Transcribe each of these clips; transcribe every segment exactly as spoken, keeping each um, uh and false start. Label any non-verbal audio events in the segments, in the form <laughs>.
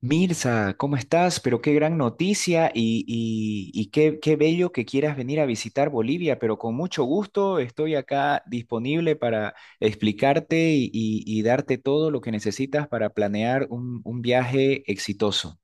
Mirza, ¿cómo estás? Pero qué gran noticia y, y- y qué, qué bello que quieras venir a visitar Bolivia, pero con mucho gusto estoy acá disponible para explicarte y, y- y darte todo lo que necesitas para planear un un viaje exitoso.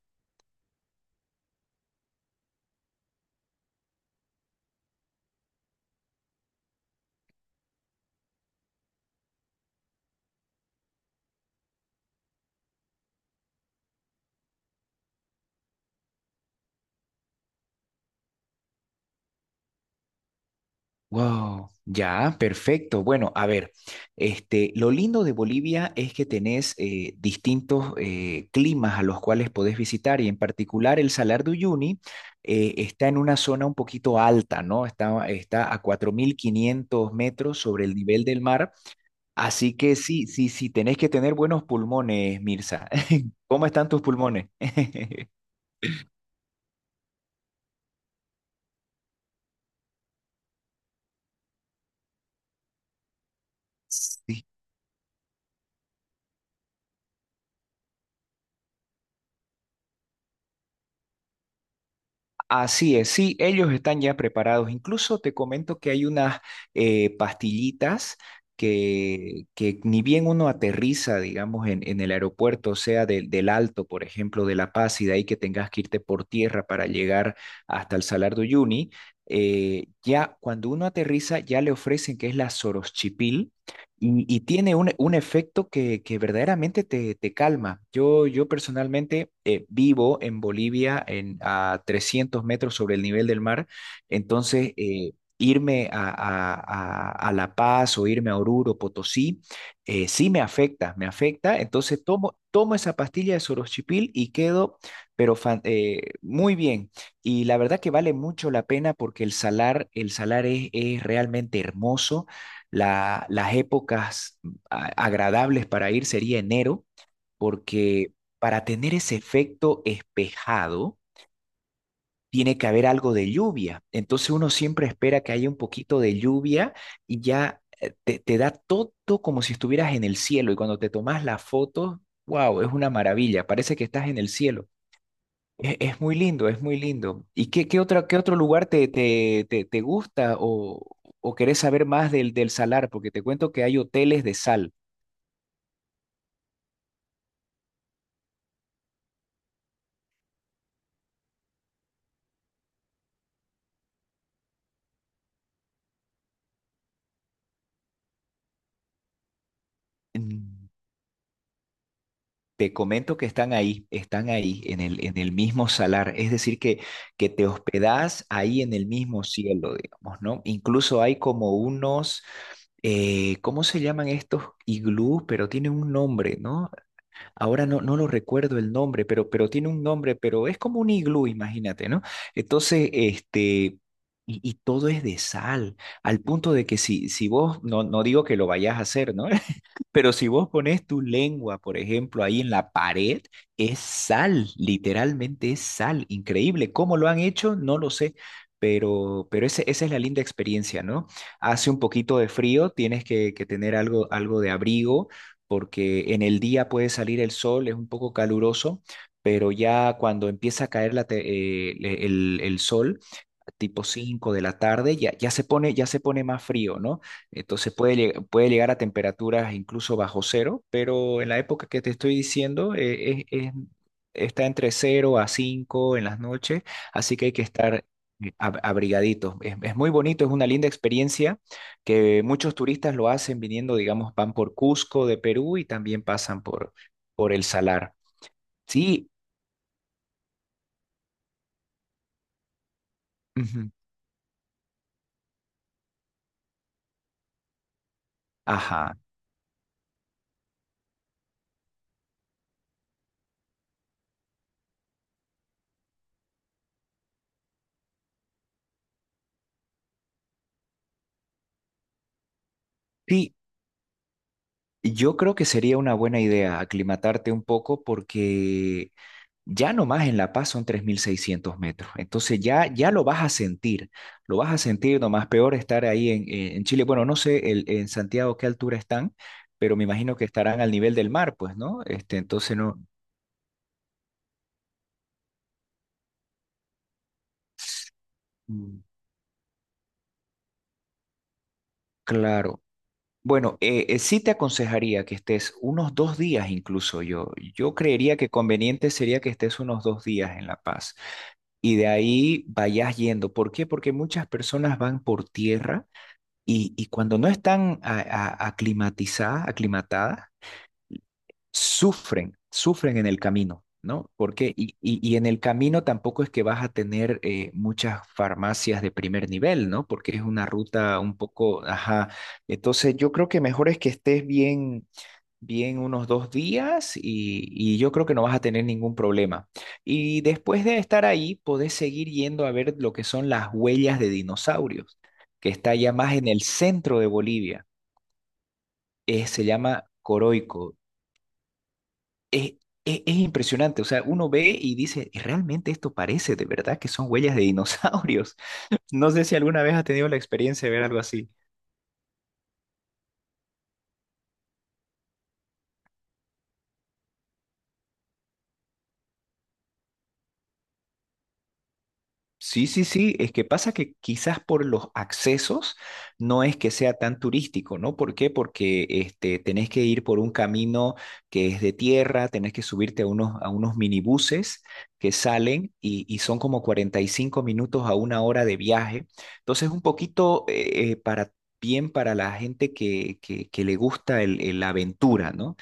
Wow, ya, perfecto. Bueno, a ver, este, lo lindo de Bolivia es que tenés eh, distintos eh, climas a los cuales podés visitar, y en particular el Salar de Uyuni eh, está en una zona un poquito alta, ¿no? Está, está a cuatro mil quinientos metros sobre el nivel del mar, así que sí, sí, sí, tenés que tener buenos pulmones, Mirza. <laughs> ¿Cómo están tus pulmones? <laughs> Sí. Así es, sí, ellos están ya preparados. Incluso te comento que hay unas eh, pastillitas que, que ni bien uno aterriza, digamos, en, en el aeropuerto, o sea, del del Alto, por ejemplo, de La Paz, y de ahí que tengas que irte por tierra para llegar hasta el Salar de Uyuni. Eh, ya cuando uno aterriza ya le ofrecen que es la Soroschipil, y, y tiene un, un efecto que, que verdaderamente te, te calma. Yo, yo personalmente eh, vivo en Bolivia en, a trescientos metros sobre el nivel del mar. Entonces eh, irme a, a- a- a La Paz, o irme a Oruro, Potosí, eh, sí me afecta, me afecta. Entonces tomo, tomo esa pastilla de soroxipil y quedo, pero fan- eh, muy bien. Y la verdad que vale mucho la pena, porque el salar, el salar es, es realmente hermoso. La- las épocas mm, a- agradables para ir sería enero, porque para tener ese efecto espejado, tiene que haber algo de lluvia. Entonces uno siempre espera que haya un poquito de lluvia, y ya eh, te, te da todo como si estuvieras en el cielo. Y cuando te tomas la foto, wow, es una maravilla, parece que estás en el cielo. E- Es muy lindo, es muy lindo. ¿Y qué, qué otra, qué otro lugar te, te, te, te gusta, o, o querés saber más del, del salar? Porque te cuento que hay hoteles de sal. Mm, Te comento que están ahí, están ahí, en el, en el mismo salar. Es decir, que, que te hospedás ahí en el mismo cielo, digamos, ¿no? Incluso hay como unos, eh, ¿cómo se llaman estos iglú? Pero tienen un nombre, ¿no? Ahora no, no lo recuerdo el nombre, pero, pero tiene un nombre, pero es como un iglú, imagínate, ¿no? Entonces, este... Y, y todo es de sal, al punto de que si, si vos, no, no digo que lo vayas a hacer, ¿no? Pero si vos pones tu lengua, por ejemplo, ahí en la pared, es sal, literalmente es sal, increíble. ¿Cómo lo han hecho? No lo sé, pero, pero ese- esa es la linda experiencia, ¿no? Hace un poquito de frío, tienes que, que tener algo, algo de abrigo, porque en el día puede salir el sol, es un poco caluroso, pero ya cuando empieza a caer la te- eh, le- el, el sol, tipo cinco de la tarde, ya, ya se pone, ya se pone más frío, ¿no? Entonces puede, lleg- puede llegar a temperaturas incluso bajo cero, pero en la época que te estoy diciendo eh, es- es- está entre cero a cinco en las noches, así que hay que estar eh, ab- abrigaditos. Es, es muy bonito, es una linda experiencia que muchos turistas lo hacen viniendo, digamos, van por Cusco de Perú y también pasan por, por, el Salar. Sí, ujú, ajá. Sí, yo creo que sería una buena idea aclimatarte un poco, porque ya nomás en La Paz son tres mil seiscientos metros, entonces ya, ya lo vas a sentir, lo vas a sentir, nomás peor estar ahí en, en Chile. Bueno, no sé el- en Santiago qué altura están, pero me imagino que estarán al nivel del mar, pues, ¿no? Este, entonces no. Mm. Claro. Bueno, eh, eh, sí te aconsejaría que estés unos dos días, incluso yo. Yo creería que conveniente sería que estés unos dos días en La Paz, y de ahí vayas yendo. ¿Por qué? Porque muchas personas van por tierra, y, y cuando no están a- a- aclimatizadas, aclimatadas, sufren, sufren en el camino, ¿no? Porque, y, y- y en el camino tampoco es que vas a tener eh, muchas farmacias de primer nivel, ¿no? Porque es una ruta un poco, ajá. Entonces yo creo que mejor es que estés bien bien unos dos días, y, y yo creo que no vas a tener ningún problema. Y después de estar ahí, podés seguir yendo a ver lo que son las huellas de dinosaurios, que está ya más en el centro de Bolivia. Eh, se llama Coroico. Es, es, es impresionante, o sea, uno ve y dice, realmente esto parece de verdad que son huellas de dinosaurios. <laughs> No sé si alguna vez has tenido la experiencia de ver algo así. Sí, sí, sí, es que pasa que quizás por los accesos no es que sea tan turístico, ¿no? ¿Por qué? Porque este, tenés que ir por un camino que es de tierra, tenés que subirte a unos, a unos, minibuses que salen, y, y son como cuarenta y cinco minutos a una hora de viaje. Entonces, un poquito eh, eh, para, bien para la gente que, que, que le gusta el, el- la aventura, ¿no?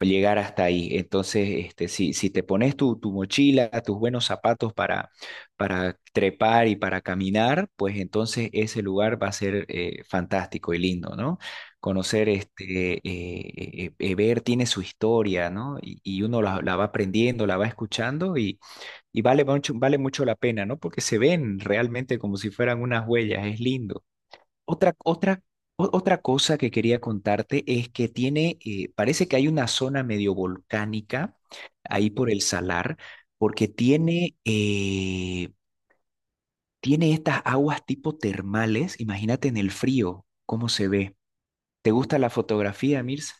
Llegar hasta ahí. Entonces, este, si, si te pones tu, tu, mochila, tus buenos zapatos para, para trepar y para caminar, pues entonces ese lugar va a ser eh, fantástico y lindo, ¿no? Conocer, este, eh, eh, eh, ver tiene su historia, ¿no? Y, y uno la, la va aprendiendo, la va escuchando, y, y vale mucho, vale mucho la pena, ¿no? Porque se ven realmente como si fueran unas huellas, es lindo. Otra, otra, o- otra cosa que quería contarte es que tiene, eh, parece que hay una zona medio volcánica ahí por el salar, porque tiene, eh, tiene estas aguas tipo termales. Imagínate en el frío cómo se ve. ¿Te gusta la fotografía, Mirza?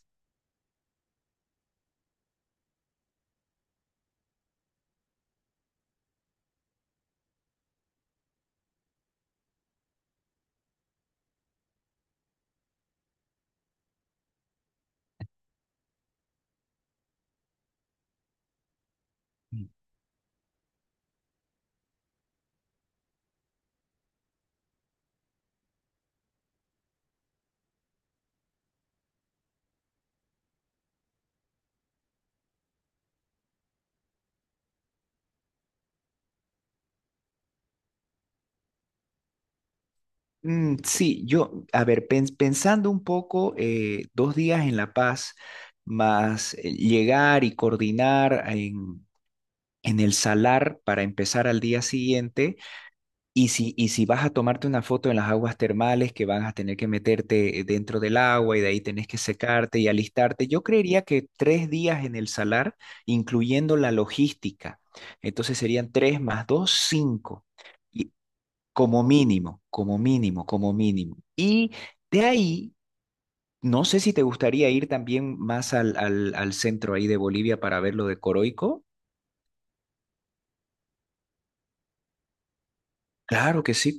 Mm, Mm, sí, yo, a ver, pens- pensando un poco, eh, dos días en La Paz, más eh, llegar y coordinar en, en el Salar para empezar al día siguiente. Y si, y si vas a tomarte una foto en las aguas termales, que van a tener que meterte eh, dentro del agua, y de ahí tenés que secarte y alistarte, yo creería que tres días en el salar, incluyendo la logística. Entonces serían tres más dos, cinco. Y como mínimo, como mínimo, como mínimo. Y de ahí, no sé si te gustaría ir también más al, al, al centro ahí de Bolivia, para ver lo de Coroico. Claro que sí.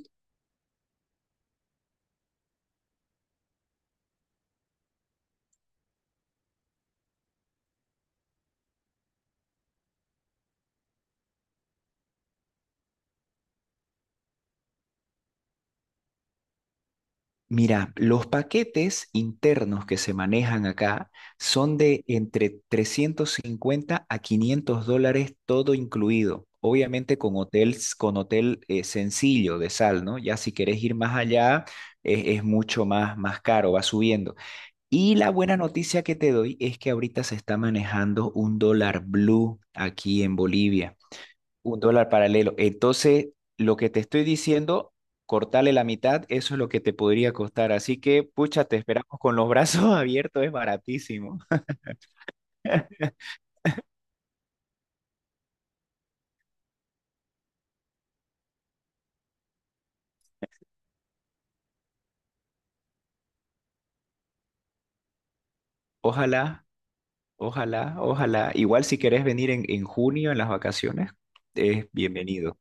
Mira, los paquetes internos que se manejan acá son de entre trescientos cincuenta a quinientos dólares todo incluido. Obviamente con hotels, con hotel eh, sencillo de sal, ¿no? Ya si querés ir más allá, es, es mucho más, más caro, va subiendo. Y la buena noticia que te doy es que ahorita se está manejando un dólar blue aquí en Bolivia. Un dólar paralelo. Entonces, lo que te estoy diciendo, cortarle la mitad, eso es lo que te podría costar. Así que, pucha, te esperamos con los brazos <laughs> abiertos, es baratísimo. <laughs> Ojalá, ojalá, ojalá. Igual si querés venir en, en junio, en las vacaciones, es bienvenido.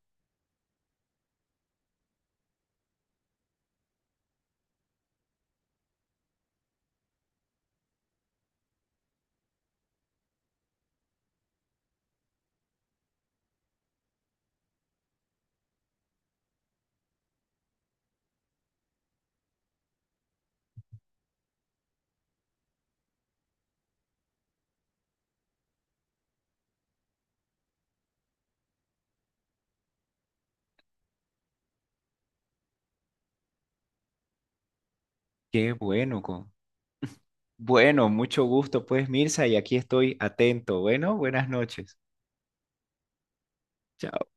Qué bueno, con... Bueno, mucho gusto, pues, Mirza, y aquí estoy atento. Bueno, buenas noches. Chao.